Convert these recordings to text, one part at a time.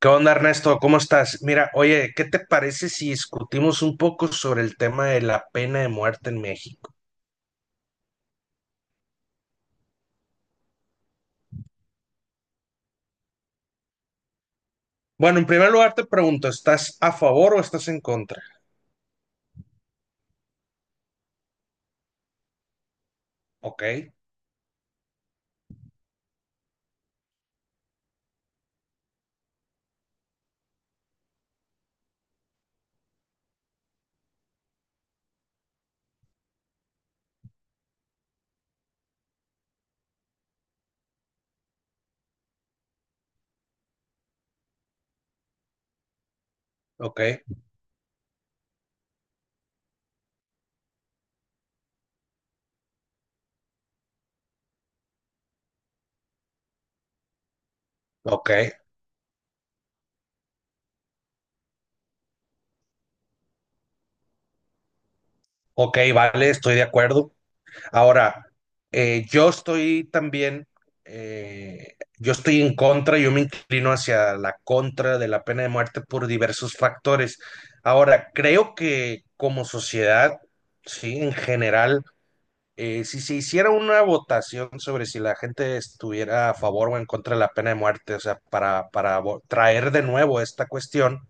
¿Qué onda, Ernesto? ¿Cómo estás? Mira, oye, ¿qué te parece si discutimos un poco sobre el tema de la pena de muerte en México? Bueno, en primer lugar te pregunto, ¿estás a favor o estás en contra? Ok, ok, ok, ok, vale, estoy de acuerdo. Ahora, yo estoy también, yo estoy en contra, yo me inclino hacia la contra de la pena de muerte por diversos factores. Ahora, creo que como sociedad, sí, en general si se hiciera una votación sobre si la gente estuviera a favor o en contra de la pena de muerte, o sea, para traer de nuevo esta cuestión,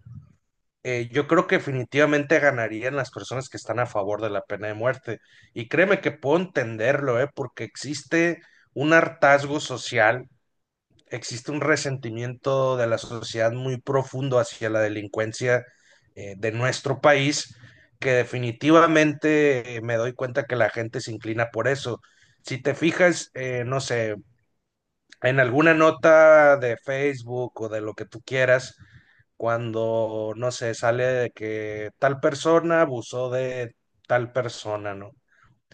yo creo que definitivamente ganarían las personas que están a favor de la pena de muerte. Y créeme que puedo entenderlo, ¿eh? Porque existe un hartazgo social, existe un resentimiento de la sociedad muy profundo hacia la delincuencia de nuestro país, que definitivamente me doy cuenta que la gente se inclina por eso. Si te fijas, no sé, en alguna nota de Facebook o de lo que tú quieras, cuando, no sé, sale de que tal persona abusó de tal persona, ¿no?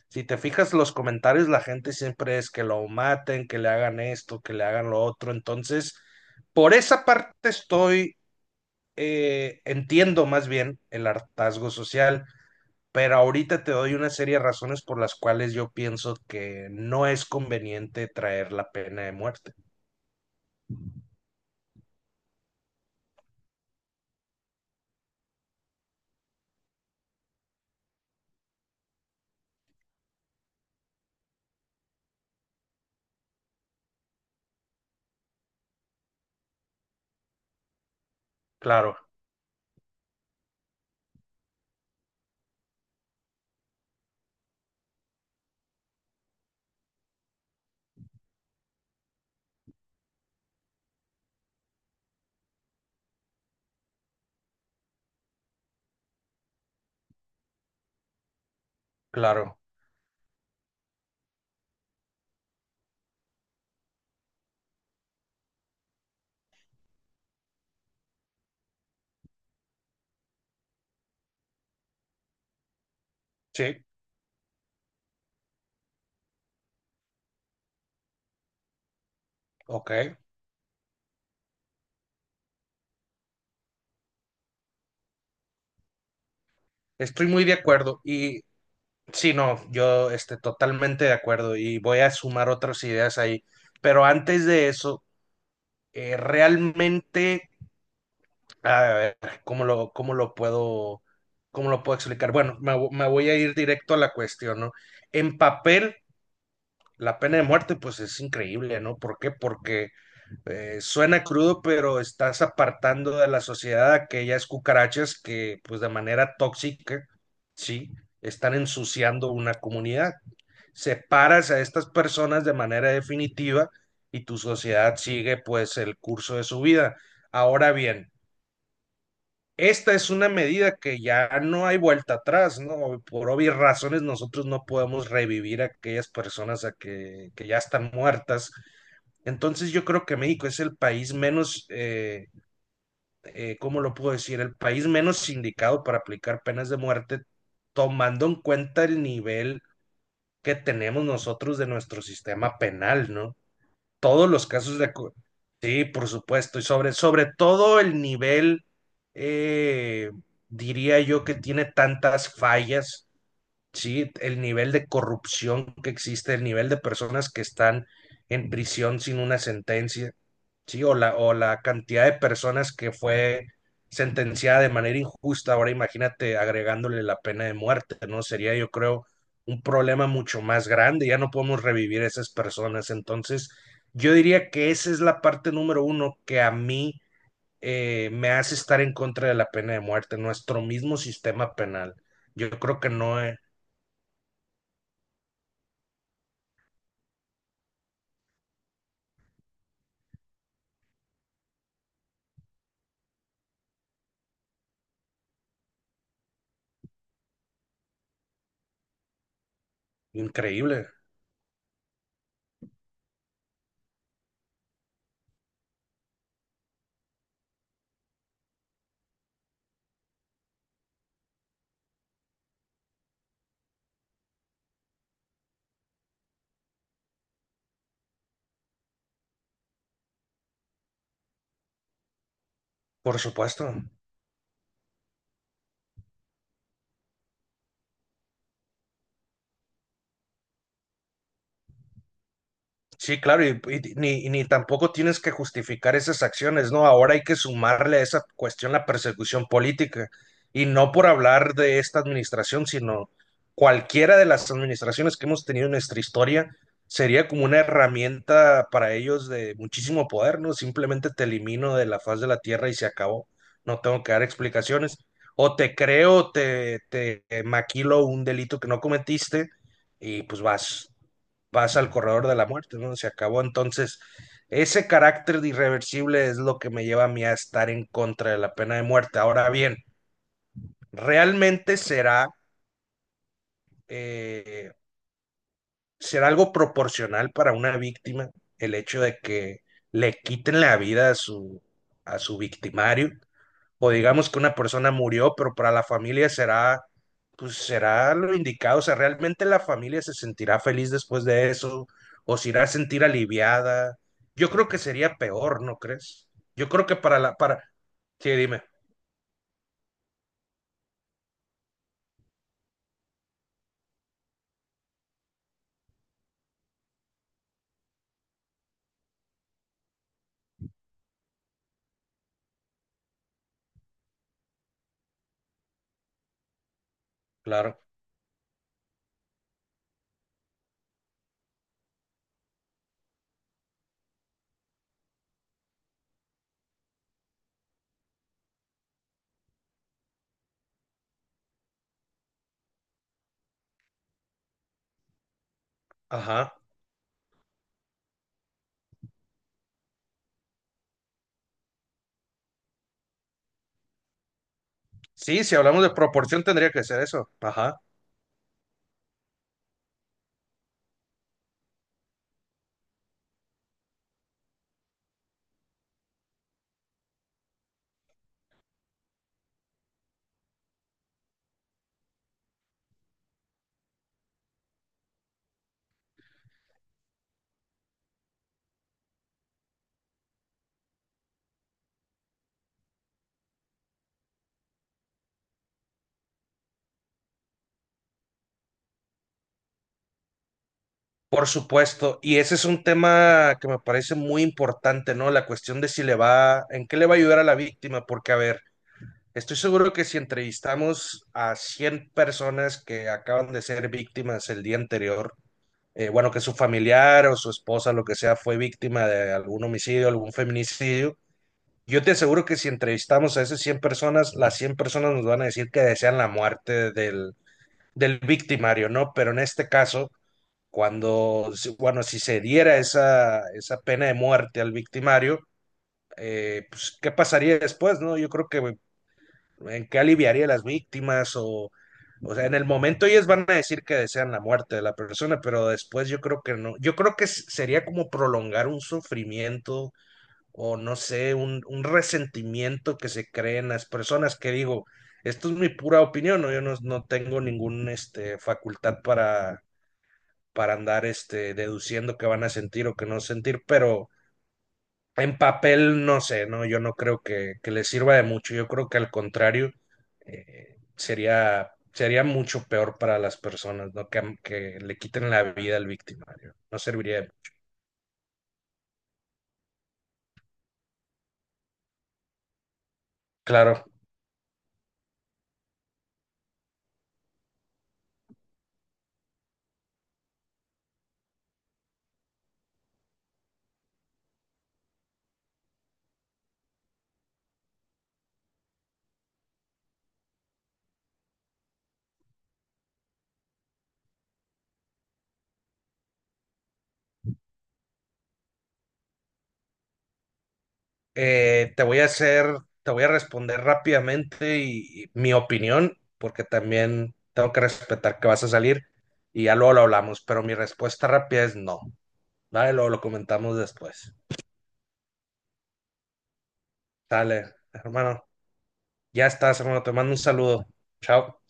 Si te fijas los comentarios, la gente siempre es que lo maten, que le hagan esto, que le hagan lo otro. Entonces, por esa parte estoy, entiendo más bien el hartazgo social, pero ahorita te doy una serie de razones por las cuales yo pienso que no es conveniente traer la pena de muerte. Claro, claro, sí, ok. Estoy muy de acuerdo y sí, no, yo totalmente de acuerdo y voy a sumar otras ideas ahí. Pero antes de eso, realmente, a ver, ¿cómo lo, cómo lo puedo, cómo lo puedo explicar? Bueno, me voy a ir directo a la cuestión, ¿no? En papel, la pena de muerte, pues es increíble, ¿no? ¿Por qué? Porque suena crudo, pero estás apartando de la sociedad a aquellas cucarachas que, pues de manera tóxica, sí, están ensuciando una comunidad. Separas a estas personas de manera definitiva y tu sociedad sigue, pues, el curso de su vida. Ahora bien, esta es una medida que ya no hay vuelta atrás, ¿no? Por obvias razones nosotros no podemos revivir a aquellas personas que ya están muertas. Entonces yo creo que México es el país menos, ¿cómo lo puedo decir? El país menos indicado para aplicar penas de muerte, tomando en cuenta el nivel que tenemos nosotros de nuestro sistema penal, ¿no? Todos los casos de acu-. Sí, por supuesto, y sobre todo el nivel, eh, diría yo que tiene tantas fallas, sí, el nivel de corrupción que existe, el nivel de personas que están en prisión sin una sentencia, sí, o la cantidad de personas que fue sentenciada de manera injusta. Ahora imagínate agregándole la pena de muerte, ¿no? Sería, yo creo, un problema mucho más grande. Ya no podemos revivir a esas personas. Entonces, yo diría que esa es la parte número uno que a mí me hace estar en contra de la pena de muerte, nuestro mismo sistema penal. Yo creo que no es increíble, por supuesto. Sí, claro, y ni tampoco tienes que justificar esas acciones, ¿no? Ahora hay que sumarle a esa cuestión la persecución política, y no por hablar de esta administración, sino cualquiera de las administraciones que hemos tenido en nuestra historia sería como una herramienta para ellos de muchísimo poder, ¿no? Simplemente te elimino de la faz de la tierra y se acabó, no tengo que dar explicaciones, o te creo, te maquilo un delito que no cometiste y pues vas pasa al corredor de la muerte, ¿no? Se acabó. Entonces, ese carácter de irreversible es lo que me lleva a mí a estar en contra de la pena de muerte. Ahora bien, ¿realmente será, eh, será algo proporcional para una víctima el hecho de que le quiten la vida a su victimario? O digamos que una persona murió, pero para la familia será, pues será lo indicado, o sea, realmente la familia se sentirá feliz después de eso, o se irá a sentir aliviada. Yo creo que sería peor, ¿no crees? Yo creo que para la, para, sí, dime, claro, ajá. Sí, si hablamos de proporción tendría que ser eso, ajá. Por supuesto, y ese es un tema que me parece muy importante, ¿no? La cuestión de si le va, en qué le va a ayudar a la víctima, porque a ver, estoy seguro que si entrevistamos a 100 personas que acaban de ser víctimas el día anterior, bueno, que su familiar o su esposa, lo que sea, fue víctima de algún homicidio, algún feminicidio, yo te aseguro que si entrevistamos a esas 100 personas, las 100 personas nos van a decir que desean la muerte del victimario, ¿no? Pero en este caso, cuando, si se diera esa pena de muerte al victimario, pues, ¿qué pasaría después, no? Yo creo que en qué aliviaría a las víctimas o sea, en el momento ellos van a decir que desean la muerte de la persona, pero después yo creo que no, yo creo que sería como prolongar un sufrimiento o no sé, un resentimiento que se cree en las personas que digo, esto es mi pura opinión, ¿no? Yo no tengo ninguna facultad para andar deduciendo qué van a sentir o qué no sentir, pero en papel, no sé, no, yo no creo que le sirva de mucho. Yo creo que al contrario, sería mucho peor para las personas, ¿no? Que le quiten la vida al victimario. No serviría. De-. Claro. Eh, te voy a hacer, te voy a responder rápidamente y, mi opinión, porque también tengo que respetar que vas a salir y ya luego lo hablamos, pero mi respuesta rápida es no. Vale, luego lo comentamos después. Dale, hermano. Ya estás, hermano. Te mando un saludo. Chao.